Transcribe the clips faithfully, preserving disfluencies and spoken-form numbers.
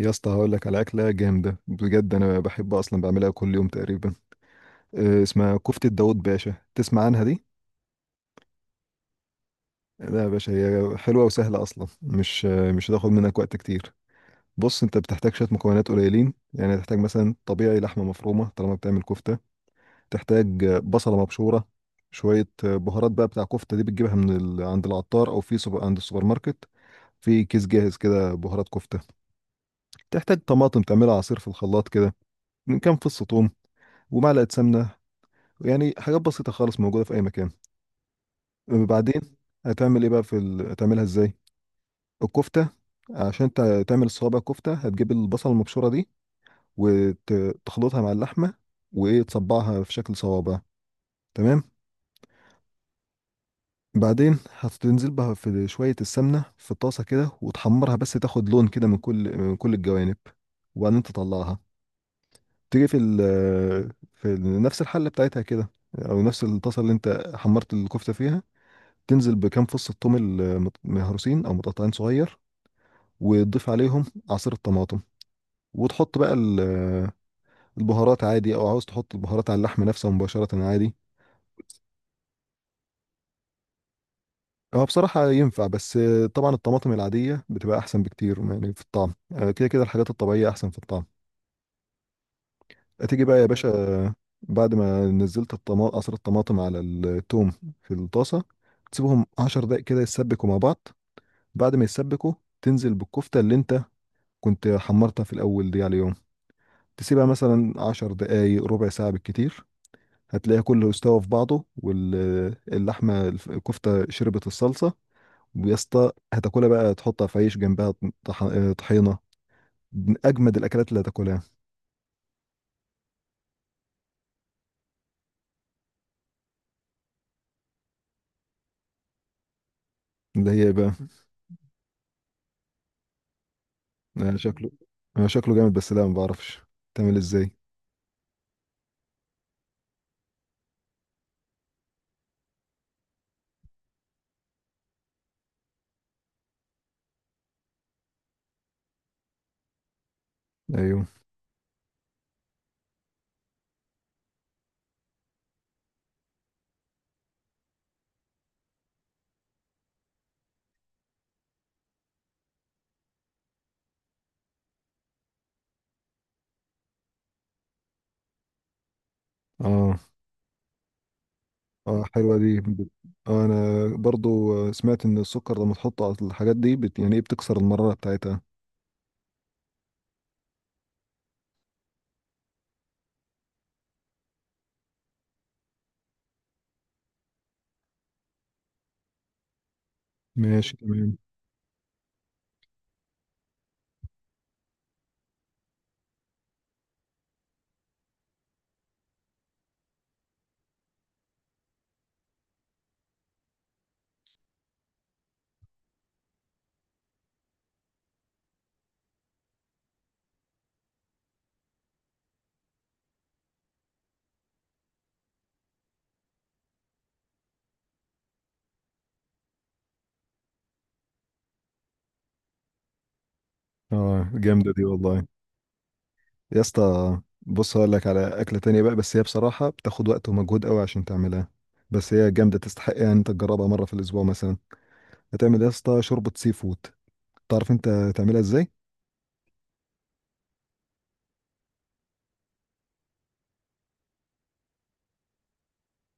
يا اسطى، هقول لك على اكله جامده بجد. انا بحب اصلا بعملها كل يوم تقريبا. آه، اسمها كفته داوود باشا، تسمع عنها دي؟ لا يا باشا، هي حلوه وسهله اصلا. مش آه، مش هتاخد منك وقت كتير. بص، انت بتحتاج شويه مكونات قليلين. يعني هتحتاج مثلا طبيعي لحمه مفرومه طالما بتعمل كفته. تحتاج آه، بصله مبشوره. شويه آه، بهارات بقى بتاع كفته دي، بتجيبها من ال... عند العطار او في سوبر... عند السوبر ماركت. في كيس جاهز كده بهارات كفته. تحتاج طماطم تعملها عصير في الخلاط كده، من كام فص ثوم ومعلقه سمنه. يعني حاجات بسيطة خالص، موجودة في أي مكان. بعدين هتعمل إيه بقى؟ في ال... هتعملها إزاي الكفتة؟ عشان تع- تعمل الصوابع كفتة، هتجيب البصل المبشورة دي وتخلطها مع اللحمة، وإيه تصبعها في شكل صوابع. تمام. بعدين هتنزل بها في شوية السمنة في الطاسة كده، وتحمرها بس تاخد لون كده من كل من كل الجوانب، وبعدين تطلعها. تيجي في ال... في ال- نفس الحلة بتاعتها كده، أو نفس الطاسة اللي أنت حمرت الكفتة فيها. تنزل بكام فص الثوم المت- مهروسين او متقطعين صغير، وتضيف عليهم عصير الطماطم. وتحط بقى ال- البهارات عادي، او عاوز تحط البهارات على اللحم نفسه مباشرة عادي. هو بصراحة ينفع، بس طبعا الطماطم العادية بتبقى أحسن بكتير يعني في الطعم. آه، كده كده الحاجات الطبيعية أحسن في الطعم. هتيجي بقى يا مم. باشا. آه، بعد ما نزلت الطماطم عصير الطماطم على التوم في الطاسة، تسيبهم عشر دقايق كده يتسبكوا مع بعض. بعد ما يتسبكوا، تنزل بالكفتة اللي انت كنت حمرتها في الأول دي عليهم. تسيبها مثلا عشر دقايق، ربع ساعة بالكتير. هتلاقيها كله استوى في بعضه، واللحمة الف- الكفتة شربت الصلصة. ويا اسطى هتاكلها بقى، تحطها في عيش جنبها. طح- طحينة. من أجمد الأكلات اللي هتاكلها. اللي هي بقى. آه، شكله. آه، شكله جامد، بس لا ما بعرفش تعمل ازاي. ايوه. اه. اه، حلوة دي ب- آه، انا برضو آه، سمعت ان السكر لما تحطه على الحاجات دي بت يعني ايه بتكسر المرارة بتاعتها. ماشي تمام. اه، جامدة دي والله. يا اسطى بص، هقول لك على اكله تانية بقى. بس هي بصراحه بتاخد وقت ومجهود قوي عشان تعملها. بس هي جامده، تستحق يعني انت تجربها مره في الاسبوع مثلا. هتعمل يا اسطى شوربه سي فود. تعرف انت تعملها ازاي؟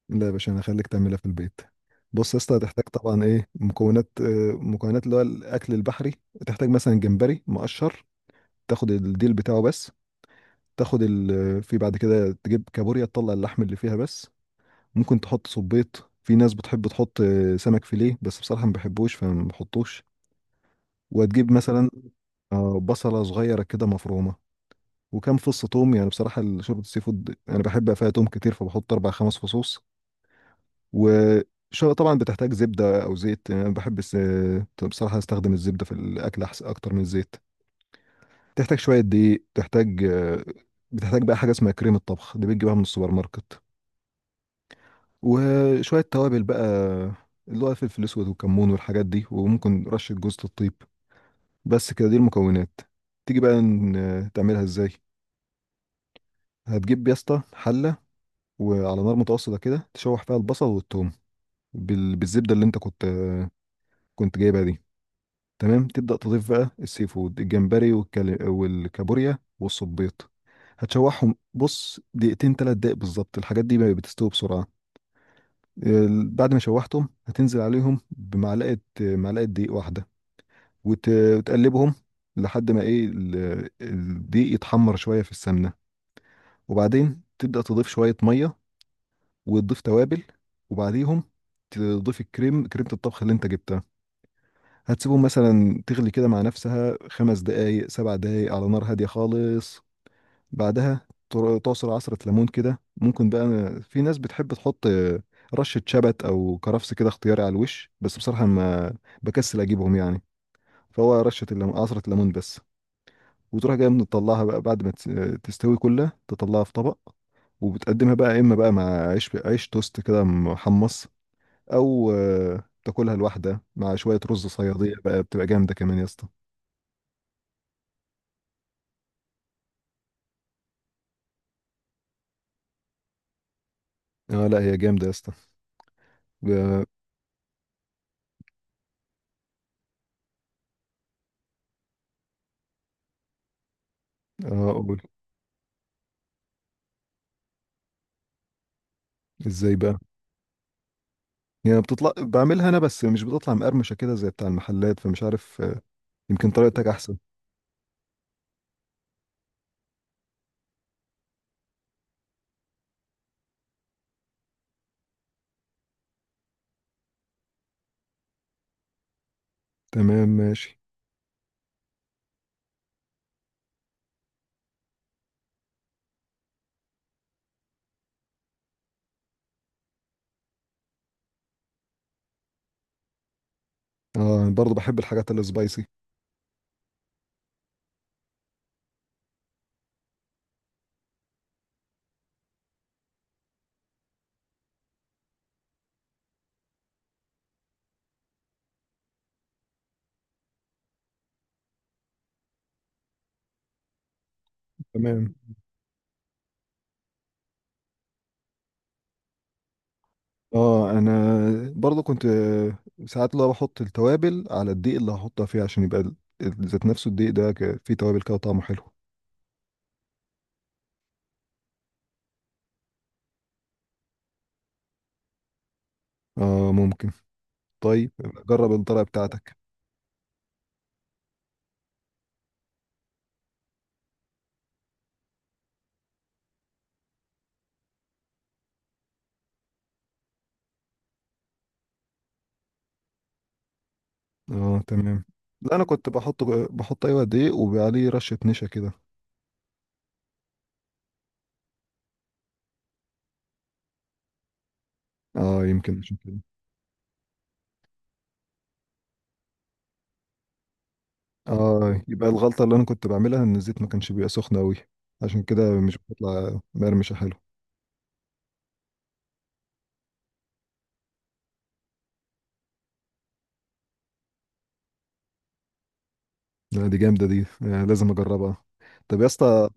لا يا باشا، انا هخليك تعملها في البيت. بص يا اسطى، هتحتاج طبعا ايه مكونات آه، مكونات اللي هو الاكل البحري. تحتاج مثلا جمبري مقشر، تاخد الديل بتاعه بس. تاخد ال... في بعد كده تجيب كابوريا، تطلع اللحم اللي فيها بس. ممكن تحط صبيط، في ناس بتحب تحط آه، سمك فيليه، بس بصراحة ما بحبوش فما بحطوش. وهتجيب مثلا آه، بصلة صغيرة كده مفرومة، وكام فص توم. يعني بصراحة شوربة السي فود أنا بحب فيها توم كتير، فبحط أربع خمس فصوص. و شو- طبعا بتحتاج زبدة أو زيت. يعني أنا بحب الس- بصراحة أستخدم الزبدة في الأكل أحسن أكتر من الزيت. تحتاج شوية دقيق. تحتاج آه، بتحتاج بقى حاجة اسمها كريمة طبخ، دي بتجيبها من السوبر ماركت. وشوية توابل بقى، اللي هو فلفل اسود وكمون والحاجات دي، وممكن رشة جوز الطيب. بس كده دي المكونات. تيجي بقى ن- تعملها ازاي. هتجيب يا اسطى حلة، وعلى نار متوسطة كده تشوح فيها البصل والثوم بال... بالزبدة اللي انت كنت كنت جايبها دي. تمام، تبدأ تضيف بقى السي فود، الجمبري والكال... والكابوريا والصبيط. هتشوحهم، بص دقيقتين تلات دقايق بالظبط، الحاجات دي ما بتستوي بسرعة. ال- بعد ما شوحتهم، هتنزل عليهم بمعلقة معلقة دقيق واحدة، وت- وتقلبهم لحد ما ايه ال- الدقيق يتحمر شوية في السمنة. وبعدين تبدأ تضيف شوية مية، وتضيف توابل، وبعديهم تضيف الكريم كريمة الطبخ اللي انت جبتها. هتسيبهم مثلا تغلي كده مع نفسها، خمس دقايق سبع دقايق على نار هادية خالص. بعدها تر- تعصر عصرة ليمون كده، ممكن بقى. في ناس بتحب تحط رشة شبت أو كرفس كده، اختياري على الوش، بس بصراحة ما بكسل أجيبهم يعني. فهو رشة الليمون عصرة ليمون بس. وتروح جاي مطلعها بقى، بعد ما تس- تستوي كلها تطلعها في طبق. وبتقدمها بقى، إما بقى مع عيش، عيش توست كده محمص، أو آه، تاكلها لوحدها مع شوية رز صيادية، بقى بتبقى جامدة كمان يا اسطى. اه، لا هي جامدة يا اسطى. ب- اه قول. ازاي بقى؟ هي بتطلع بعملها انا، بس مش بتطلع مقرمشه كده زي بتاع المحلات، فمش عارف آه، يمكن طريقتك احسن. تمام، ماشي. اه، برضه بحب الحاجات السبايسي. تمام. اه، انا برضه كنت آه، ساعات لو بحط التوابل على الدقيق اللي هحطها فيه، عشان يبقى ال- ال- ذات نفسه الدقيق ده ك- فيه توابل كده طعمه حلو. اه، ممكن. طيب، جرب الطريقه بتاعتك. اه، تمام. لا، انا كنت بحط بحط ايوه، دقيق وعليه رشه نشا كده. اه، يمكن عشان كده. اه، يبقى الغلطة اللي انا كنت بعملها ان الزيت ما كانش بيبقى سخن قوي، عشان كده مش بتطلع مقرمشة حلو. لا، دي جامدة دي آه، لازم اجربها. طب يا اسطى،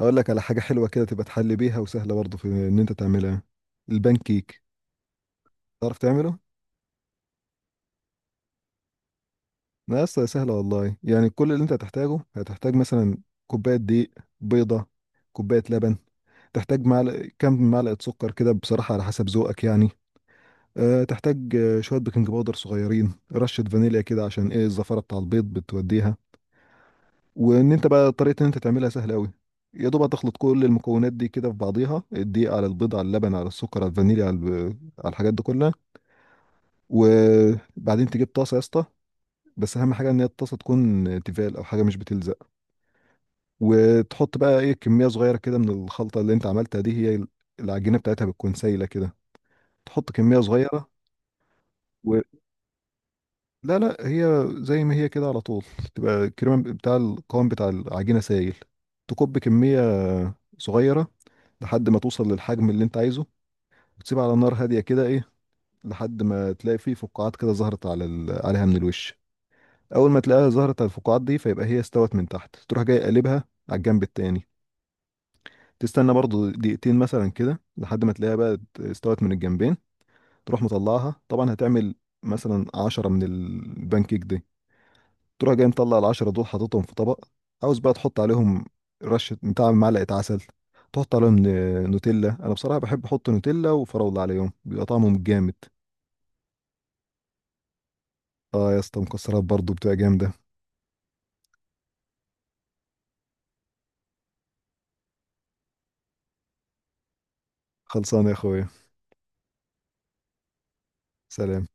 اقول لك على حاجة حلوة كده تبقى تحل بيها، وسهلة برضه في ان انت تعملها. البان كيك، تعرف تعمله؟ لا يا اسطى، سهلة والله. يعني كل اللي انت هتحتاجه، هتحتاج مثلا كوباية دقيق، بيضة، كوباية لبن. تحتاج معلقة كام معلقة سكر كده، بصراحة على حسب ذوقك يعني. أه، تحتاج آه، شوية بيكنج باودر صغيرين، رشة فانيليا كده عشان ايه الزفارة بتاع البيض بتوديها. وان انت بقى طريقة ان انت تعملها سهلة قوي. يا دوب هتخلط كل المكونات دي كده في بعضيها، الدقيق على البيض على اللبن على السكر على الفانيليا على, الب... على الحاجات دي كلها. وبعدين تجيب طاسة يا اسطى، بس اهم حاجة ان هي الطاسة تكون تيفال او حاجة مش بتلزق. وتحط بقى ايه كمية صغيرة كده من الخلطة اللي انت عملتها دي. هي العجينة بتاعتها بتكون سايلة كده. تحط كمية صغيرة. لا، لا، هي زي ما هي كده على طول، تبقى الكريمة بتاع القوام بتاع العجينة سايل. تكب كمية صغيرة لحد ما توصل للحجم اللي انت عايزه، وتسيبها على نار هادية كده ايه، لحد ما تلاقي فيه فقاعات كده ظهرت على ال... عليها من الوش. اول ما تلاقيها ظهرت على الفقاعات دي، فيبقى هي استوت من تحت. تروح جاي قلبها على الجنب التاني، تستنى برضو دقيقتين مثلا كده، لحد ما تلاقيها بقى استوت من الجنبين. تروح مطلعها طبعا. هتعمل مثلا عشرة من البانكيك، تروح جاي مطلع العشرة دول حاططهم في طبق. عاوز بقى تحط عليهم رشة بتاع معلقة عسل، تحط عليهم ن- نوتيلا. أنا بصراحة بحب أحط نوتيلا وفراولة عليهم، بيبقى طعمهم جامد. آه يا اسطى، مكسرات برضه بتبقى جامدة. خلصانة يا أخويا. سلام.